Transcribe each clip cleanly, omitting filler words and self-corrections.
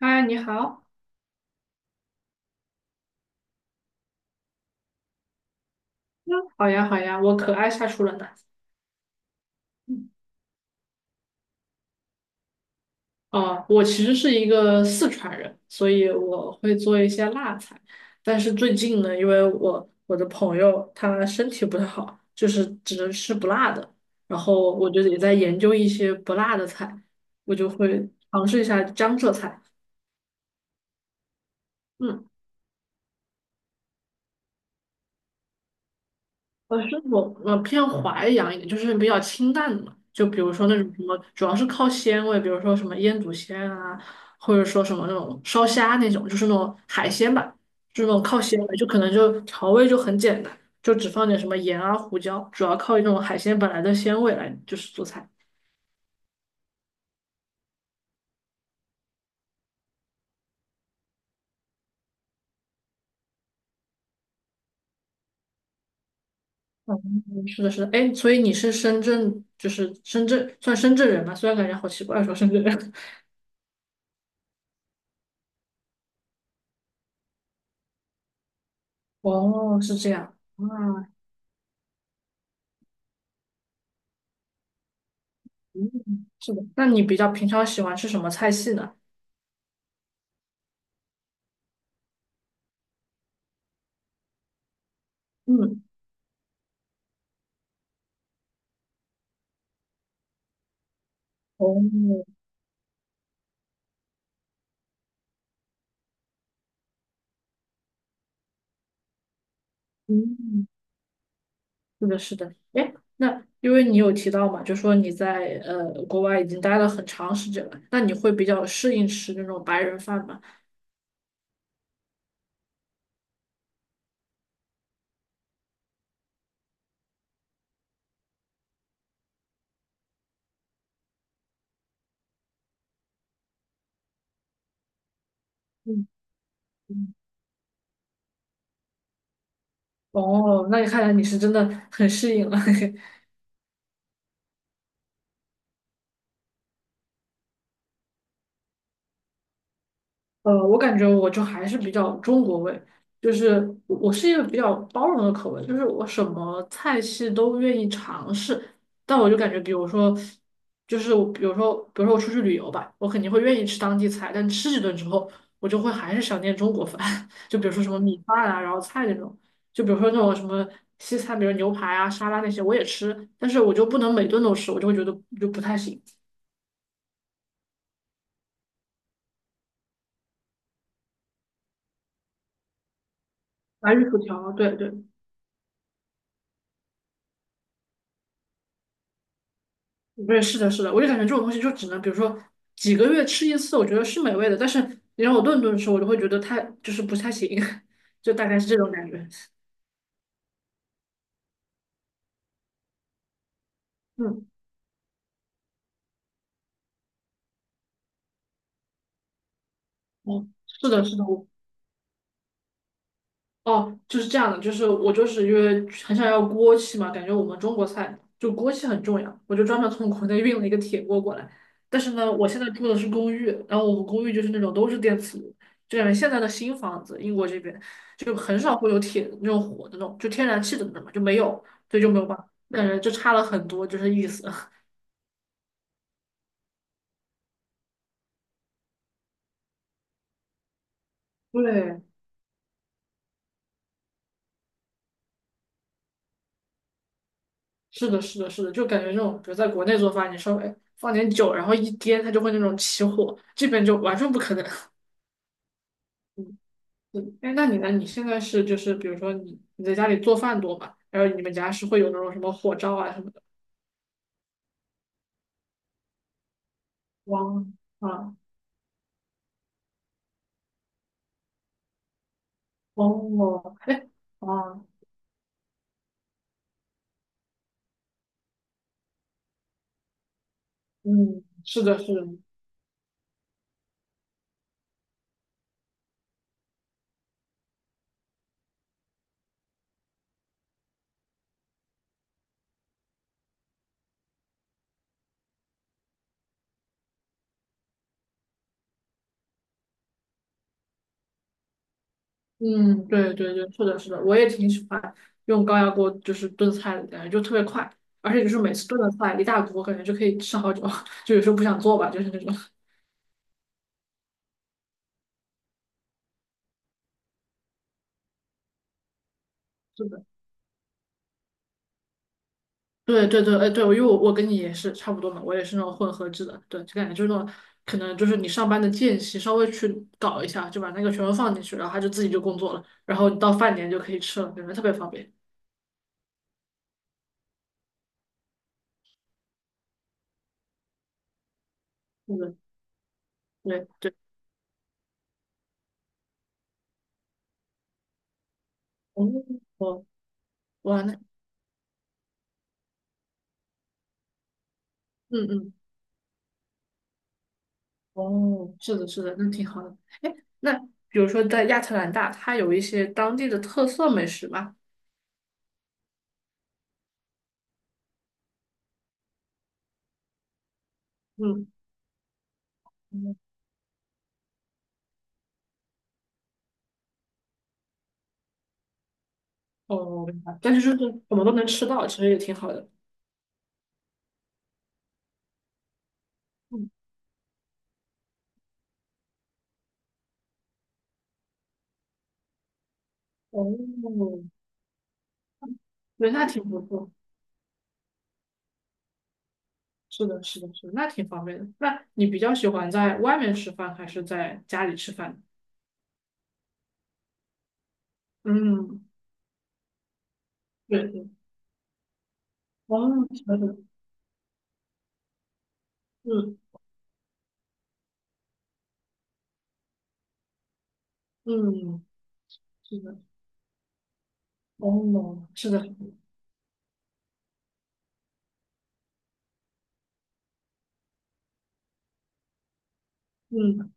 嗨，你好。嗯，好呀，好呀，我可爱下厨了呢。嗯，哦，我其实是一个四川人，所以我会做一些辣菜。但是最近呢，因为我的朋友他身体不太好，就是只能吃不辣的。然后我就也在研究一些不辣的菜，我就会尝试一下江浙菜。嗯。我是我我偏淮扬一点，就是比较清淡的嘛，就比如说那种什么，主要是靠鲜味，比如说什么腌笃鲜啊，或者说什么那种烧虾那种，就是那种海鲜吧，就是那种靠鲜味，就可能就调味就很简单，就只放点什么盐啊、胡椒，主要靠那种海鲜本来的鲜味来就是做菜。嗯，是的，是的，哎，所以你是深圳，就是深圳，算深圳人吧，虽然感觉好奇怪说深圳人。哦，是这样啊，嗯，是的。那你比较平常喜欢吃什么菜系呢？嗯，哦，嗯，是的，是的。哎，那因为你有提到嘛，就说你在国外已经待了很长时间了，那你会比较适应吃那种白人饭吗？嗯嗯，哦，那你看来你是真的很适应了。我感觉我就还是比较中国味，就是我是一个比较包容的口味，就是我什么菜系都愿意尝试。但我就感觉，比如说，就是我，比如说，比如说我出去旅游吧，我肯定会愿意吃当地菜，但吃几顿之后，我就会还是想念中国饭，就比如说什么米饭啊，然后菜那种，就比如说那种什么西餐，比如牛排啊、沙拉那些，我也吃，但是我就不能每顿都吃，我就会觉得就不太行。白玉薯条，对对。对，是，是的，是的，我就感觉这种东西就只能，比如说几个月吃一次，我觉得是美味的。但是你让我顿顿吃，我就会觉得太就是不太行，就大概是这种感觉。嗯，哦，是的，是的，我哦，就是这样的，就是我就是因为很想要锅气嘛，感觉我们中国菜就锅气很重要，我就专门从国内运了一个铁锅过来。但是呢，我现在住的是公寓，然后我们公寓就是那种都是电磁炉，就感觉现在的新房子，英国这边就很少会有铁那种火的那种，就天然气的那种嘛，就没有，所以就没有办法，感觉就差了很多，就是意思。对，是的，是的，是的，就感觉这种，比如在国内做饭，你稍微放点酒，然后一颠，它就会那种起火，这边就完全不可能。嗯，哎，那你呢？你现在是就是比如说你在家里做饭多吗？然后你们家是会有那种什么火灶啊什么的？汪啊哦，哎啊嗯，是的，是的，嗯，对对对，是的，是的，我也挺喜欢用高压锅就是炖菜的，感觉就特别快，而且就是每次炖的菜一大锅，感觉就可以吃好久，就有时候不想做吧，就是那种。是的。对对对，哎对，因为我跟你也是差不多嘛，我也是那种混合制的，对，就感觉就是那种可能就是你上班的间隙稍微去搞一下，就把那个全部放进去，然后他就自己就工作了，然后你到饭点就可以吃了，感觉特别方便。对的对对，哦，哦，哇，那嗯嗯，哦，是的，是的，那挺好的。哎，那比如说在亚特兰大，它有一些当地的特色美食吗？嗯，嗯哦，明白但是就是什么都能吃到，其实也挺好的。嗯，哦，对，那挺不错。是的，是的，是的，那挺方便的。那你比较喜欢在外面吃饭还是在家里吃饭？嗯，对对，哦，是的，嗯嗯，是的，哦，是的，嗯，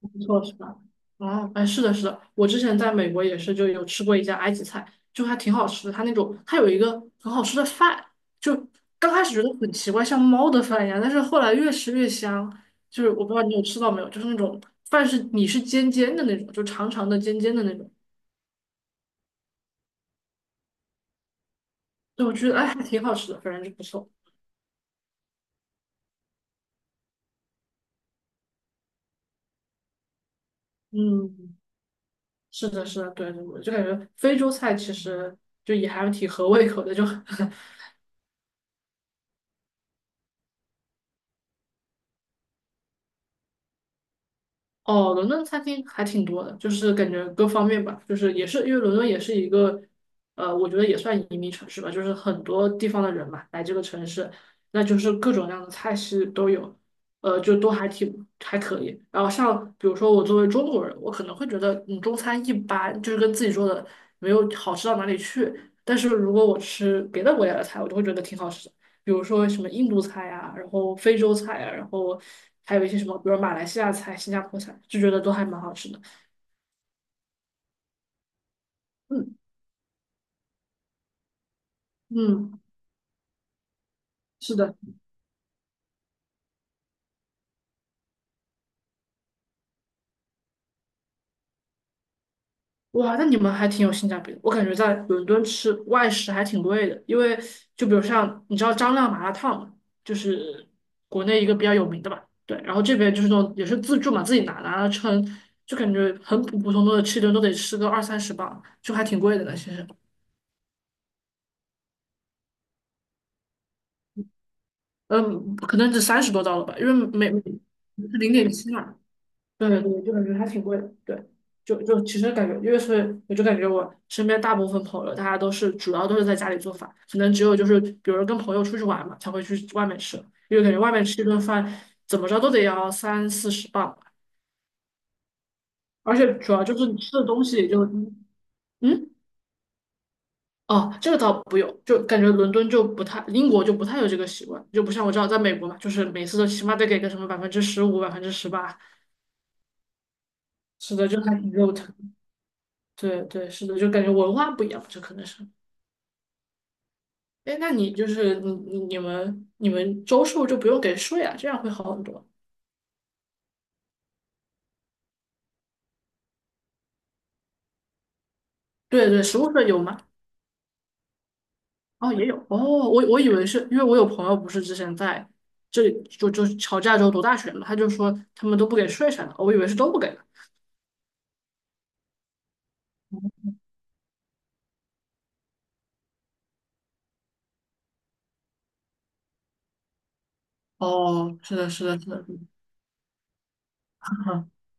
不错，是吧？哦，哎，是的，是的，我之前在美国也是就有吃过一家埃及菜，就还挺好吃的。它那种，它有一个很好吃的饭，就刚开始觉得很奇怪，像猫的饭一样，但是后来越吃越香。就是我不知道你有吃到没有，就是那种饭是你是尖尖的那种，就长长的尖尖的那种。对，我觉得哎还挺好吃的，反正就不错。嗯，是的，是的，对对，我就感觉非洲菜其实就也还挺合胃口的，就 哦，伦敦餐厅还挺多的，就是感觉各方面吧，就是也是因为伦敦也是一个，我觉得也算移民城市吧，就是很多地方的人嘛来这个城市，那就是各种各样的菜系都有，就都还挺还可以。然后像比如说我作为中国人，我可能会觉得嗯中餐一般，就是跟自己做的没有好吃到哪里去。但是如果我吃别的国家的菜，我就会觉得挺好吃的。比如说什么印度菜啊，然后非洲菜啊，然后还有一些什么，比如马来西亚菜、新加坡菜，就觉得都还蛮好吃的。嗯嗯，是的，哇，那你们还挺有性价比的。我感觉在伦敦吃外食还挺贵的，因为就比如像你知道张亮麻辣烫嘛，就是国内一个比较有名的吧，对，然后这边就是那种也是自助嘛，自己拿拿了称，就感觉很普普通通的吃一顿都得吃个二三十磅，就还挺贵的呢，其实。嗯，可能只三十多刀了吧，因为每是0.7嘛，对对，就感觉还挺贵的，对，就就其实感觉，因为是我就感觉我身边大部分朋友，大家都是主要都是在家里做饭，可能只有就是比如跟朋友出去玩嘛，才会去外面吃，因为感觉外面吃一顿饭怎么着都得要三四十磅吧而且主要就是你吃的东西也就嗯。哦，这个倒不用，就感觉伦敦就不太，英国就不太有这个习惯，就不像我知道在美国嘛，就是每次都起码得给个什么15%、18%，是的，就还挺肉疼。对对，是的，就感觉文化不一样，这可能是。哎，那你就是你你你们你们周数就不用给税啊，这样会好很多。对对，实物税有吗？哦，也有。哦，我我以为是因为我有朋友不是之前在这里就就乔治亚州读大学嘛，他就说他们都不给税啥的，我以为是都不给的。哦，是的，是的，是的。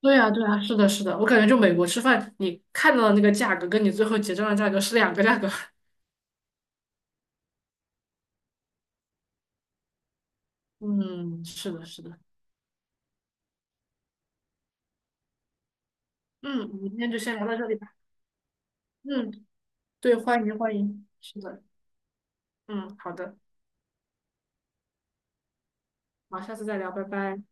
对呀，对呀，是的，是的，我感觉就美国吃饭，你看到的那个价格跟你最后结账的价格是两个价格。嗯，是的，是的。嗯，我们今天就先聊到这里吧。嗯，对，欢迎欢迎，是的，嗯，好的，好，下次再聊，拜拜。